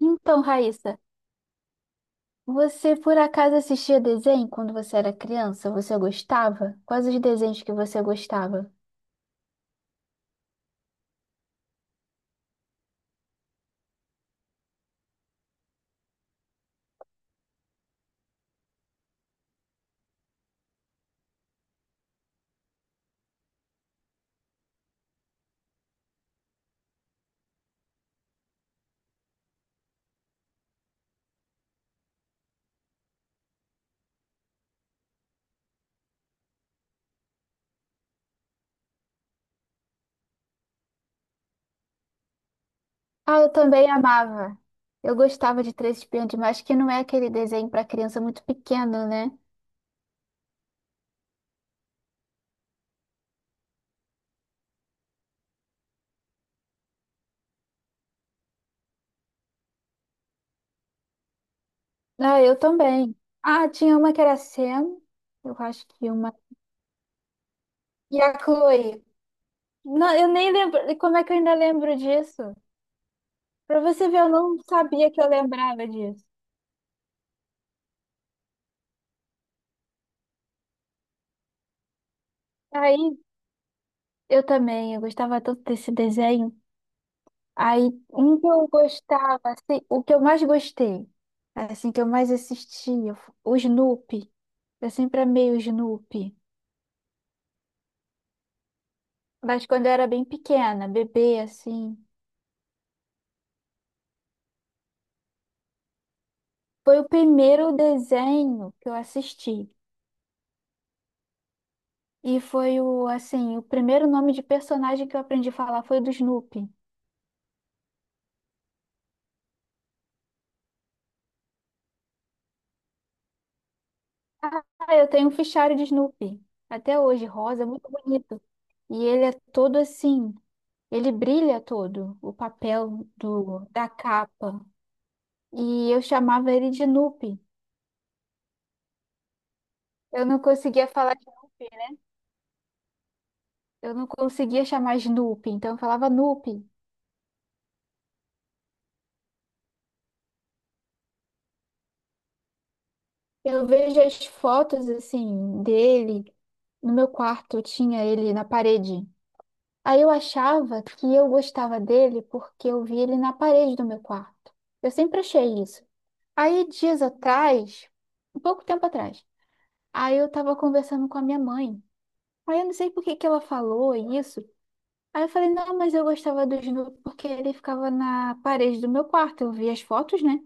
Então, Raíssa, você por acaso assistia desenho quando você era criança? Você gostava? Quais os desenhos que você gostava? Ah, eu também amava. Eu gostava de Três Espiãs Demais, que não é aquele desenho para criança muito pequeno, né? Ah, eu também. Ah, tinha uma que era Sam, eu acho que uma. E a Chloe. Não, eu nem lembro. Como é que eu ainda lembro disso? Pra você ver, eu não sabia que eu lembrava disso. Aí, eu também, eu gostava tanto desse desenho. Aí, um que eu gostava, assim, o que eu mais gostei, assim, que eu mais assistia, o Snoopy. Eu sempre amei o Snoopy. Mas quando eu era bem pequena, bebê, assim. Foi o primeiro desenho que eu assisti. E foi o, assim, o primeiro nome de personagem que eu aprendi a falar foi o do Snoopy. Ah, eu tenho um fichário de Snoopy. Até hoje, rosa, muito bonito. E ele é todo assim, ele brilha todo, o papel do, da capa. E eu chamava ele de Nupe. Eu não conseguia falar, Snoopy, né? Eu não conseguia chamar Snoopy, então eu falava Nupe. Eu vejo as fotos assim dele no meu quarto, eu tinha ele na parede. Aí eu achava que eu gostava dele porque eu vi ele na parede do meu quarto. Eu sempre achei isso. Aí dias atrás, um pouco tempo atrás, aí eu tava conversando com a minha mãe. Aí eu não sei por que que ela falou isso. Aí eu falei, não, mas eu gostava do Snoopy porque ele ficava na parede do meu quarto, eu via as fotos, né?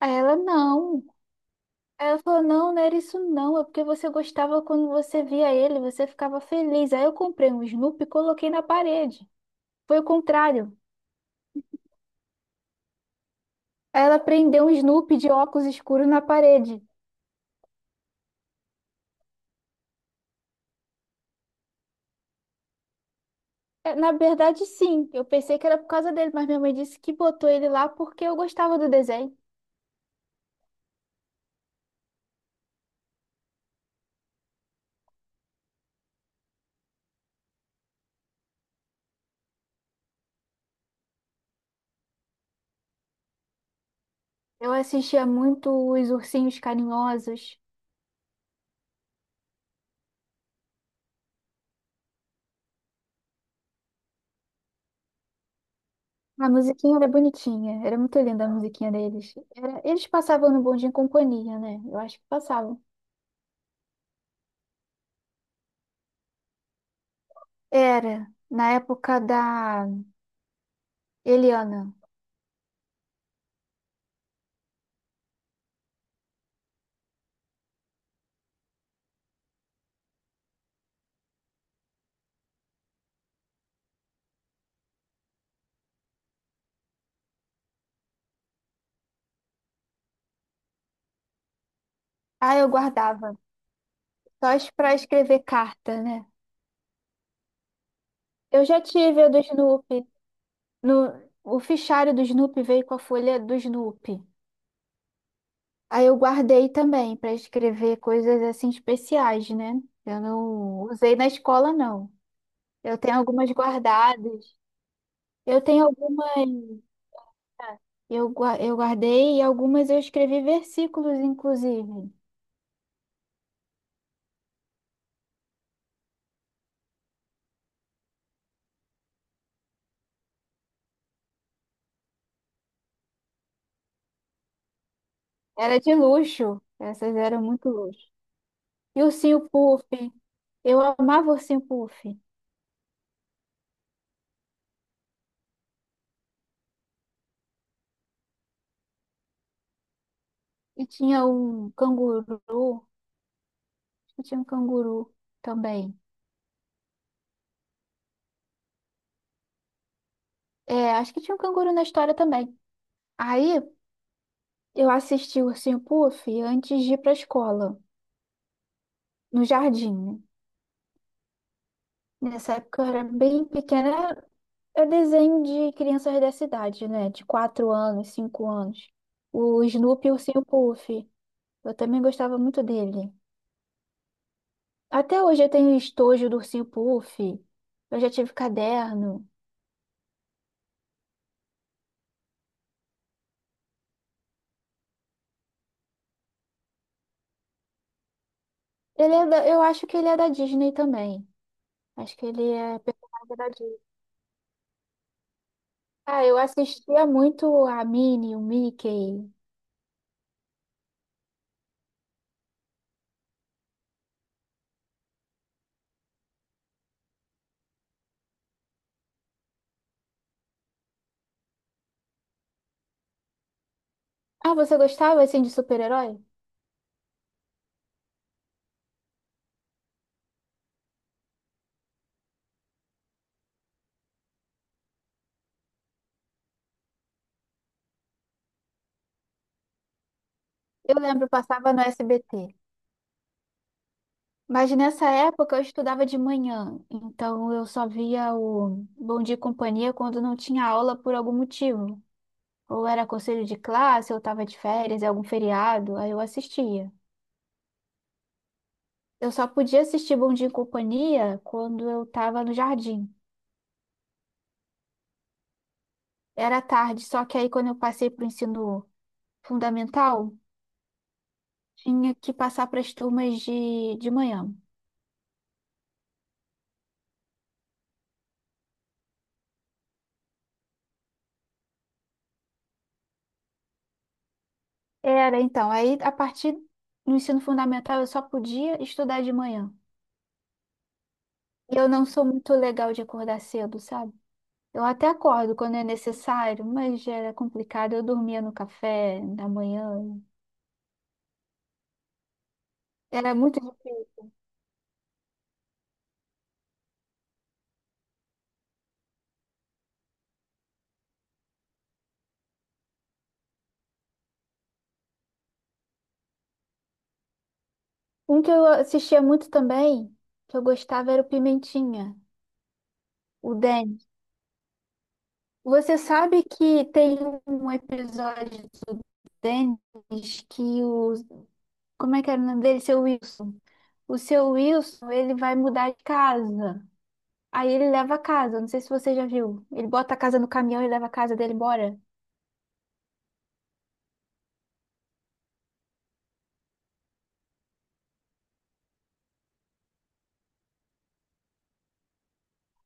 Aí ela, não. Aí ela falou, não, não era isso não, é porque você gostava quando você via ele, você ficava feliz. Aí eu comprei um Snoopy e coloquei na parede. Foi o contrário. Aí ela prendeu um Snoopy de óculos escuros na parede. É, na verdade, sim, eu pensei que era por causa dele, mas minha mãe disse que botou ele lá porque eu gostava do desenho. Eu assistia muito os Ursinhos Carinhosos. A musiquinha era bonitinha, era muito linda a musiquinha deles. Era, eles passavam no Bom Dia e Companhia, né? Eu acho que passavam. Era, na época da Eliana. Ah, eu guardava, pra escrever carta, né? Eu já tive a do Snoopy. No, O fichário do Snoopy veio com a folha do Snoopy. Aí eu guardei também pra escrever coisas assim especiais, né? Eu não usei na escola, não. Eu tenho algumas guardadas. Eu tenho algumas. Eu, eu guardei e algumas eu escrevi versículos, inclusive. Era de luxo. Essas eram muito luxo. E o ursinho Puff. Eu amava o ursinho Puff. E tinha um canguru. Acho que tinha um canguru também. É, acho que tinha um canguru na história também. Aí eu assisti o ursinho Puff antes de ir pra escola, no jardim. Né? Nessa época eu era bem pequena, é desenho de crianças dessa idade, né? De 4 anos, 5 anos. O Snoopy e o Ursinho Puff. Eu também gostava muito dele. Até hoje eu tenho estojo do Ursinho Puff. Eu já tive caderno. Eu acho que ele é da Disney também. Acho que ele é personagem da Disney. Ah, eu assistia muito a Minnie, o Mickey. Ah, você gostava assim de super-herói? Eu lembro, passava no SBT. Mas nessa época eu estudava de manhã, então eu só via o Bom Dia e Companhia quando não tinha aula por algum motivo. Ou era conselho de classe, ou estava de férias, algum feriado, aí eu assistia. Eu só podia assistir Bom Dia e Companhia quando eu estava no jardim. Era tarde, só que aí quando eu passei para o ensino fundamental, tinha que passar para as turmas de manhã. Era então, aí a partir do ensino fundamental eu só podia estudar de manhã. E eu não sou muito legal de acordar cedo, sabe? Eu até acordo quando é necessário, mas já era complicado. Eu dormia no café da manhã. Era muito difícil. Um que eu assistia muito também, que eu gostava, era o Pimentinha, o Dennis. Você sabe que tem um episódio do Dennis que o. Como é que era o nome dele? Seu Wilson. O seu Wilson, ele vai mudar de casa. Aí ele leva a casa. Não sei se você já viu. Ele bota a casa no caminhão e leva a casa dele embora.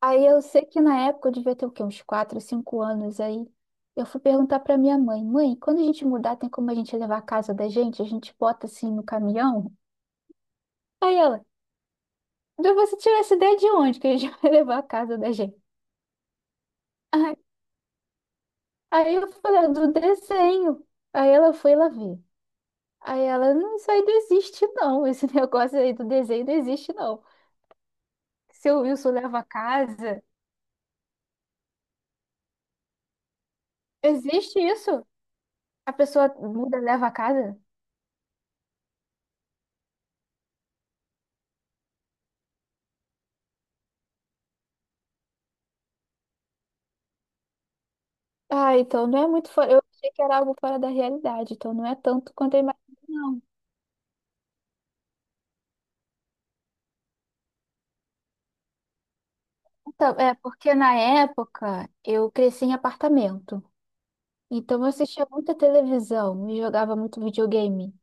Aí eu sei que na época eu devia ter o quê? Uns 4, 5 anos aí. Eu fui perguntar pra minha mãe, mãe, quando a gente mudar, tem como a gente levar a casa da gente? A gente bota assim no caminhão? Aí ela, "Mas você tirou essa ideia de onde que a gente vai levar a casa da gente? Aí, aí, eu falei, "Ah, do desenho. Aí ela foi lá ver. Aí ela, não, isso aí não existe não. Esse negócio aí do desenho não existe não. Seu Wilson leva a casa. Existe isso? A pessoa muda, leva a casa? Ah, então não é muito fora. Eu achei que era algo fora da realidade, então não é tanto quanto eu imaginei, não. Então, é porque na época eu cresci em apartamento. Então eu assistia muita televisão e jogava muito videogame.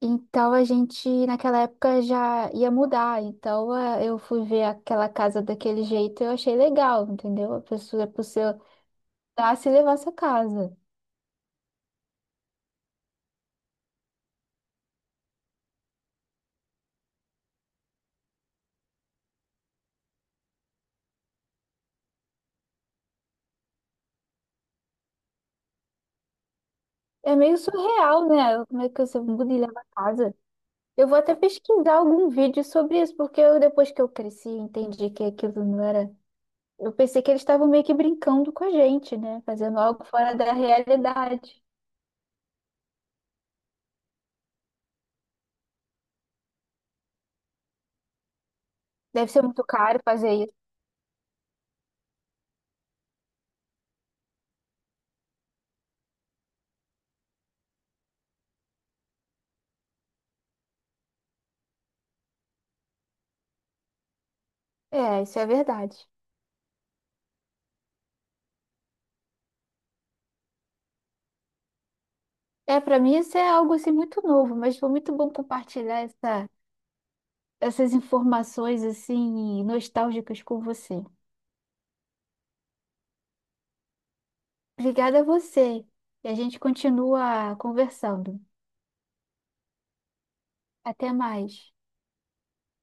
Então a gente, naquela época, já ia mudar. Então eu fui ver aquela casa daquele jeito e eu achei legal, entendeu? A pessoa dar se levar essa casa. É meio surreal, né? Como é que você muda e leva a casa? Eu vou até pesquisar algum vídeo sobre isso, porque eu, depois que eu cresci, entendi que aquilo não era. Eu pensei que eles estavam meio que brincando com a gente, né? Fazendo algo fora da realidade. Deve ser muito caro fazer isso. É, isso é verdade. É, para mim isso é algo assim muito novo, mas foi muito bom compartilhar essas informações assim nostálgicas com você. Obrigada a você. E a gente continua conversando. Até mais.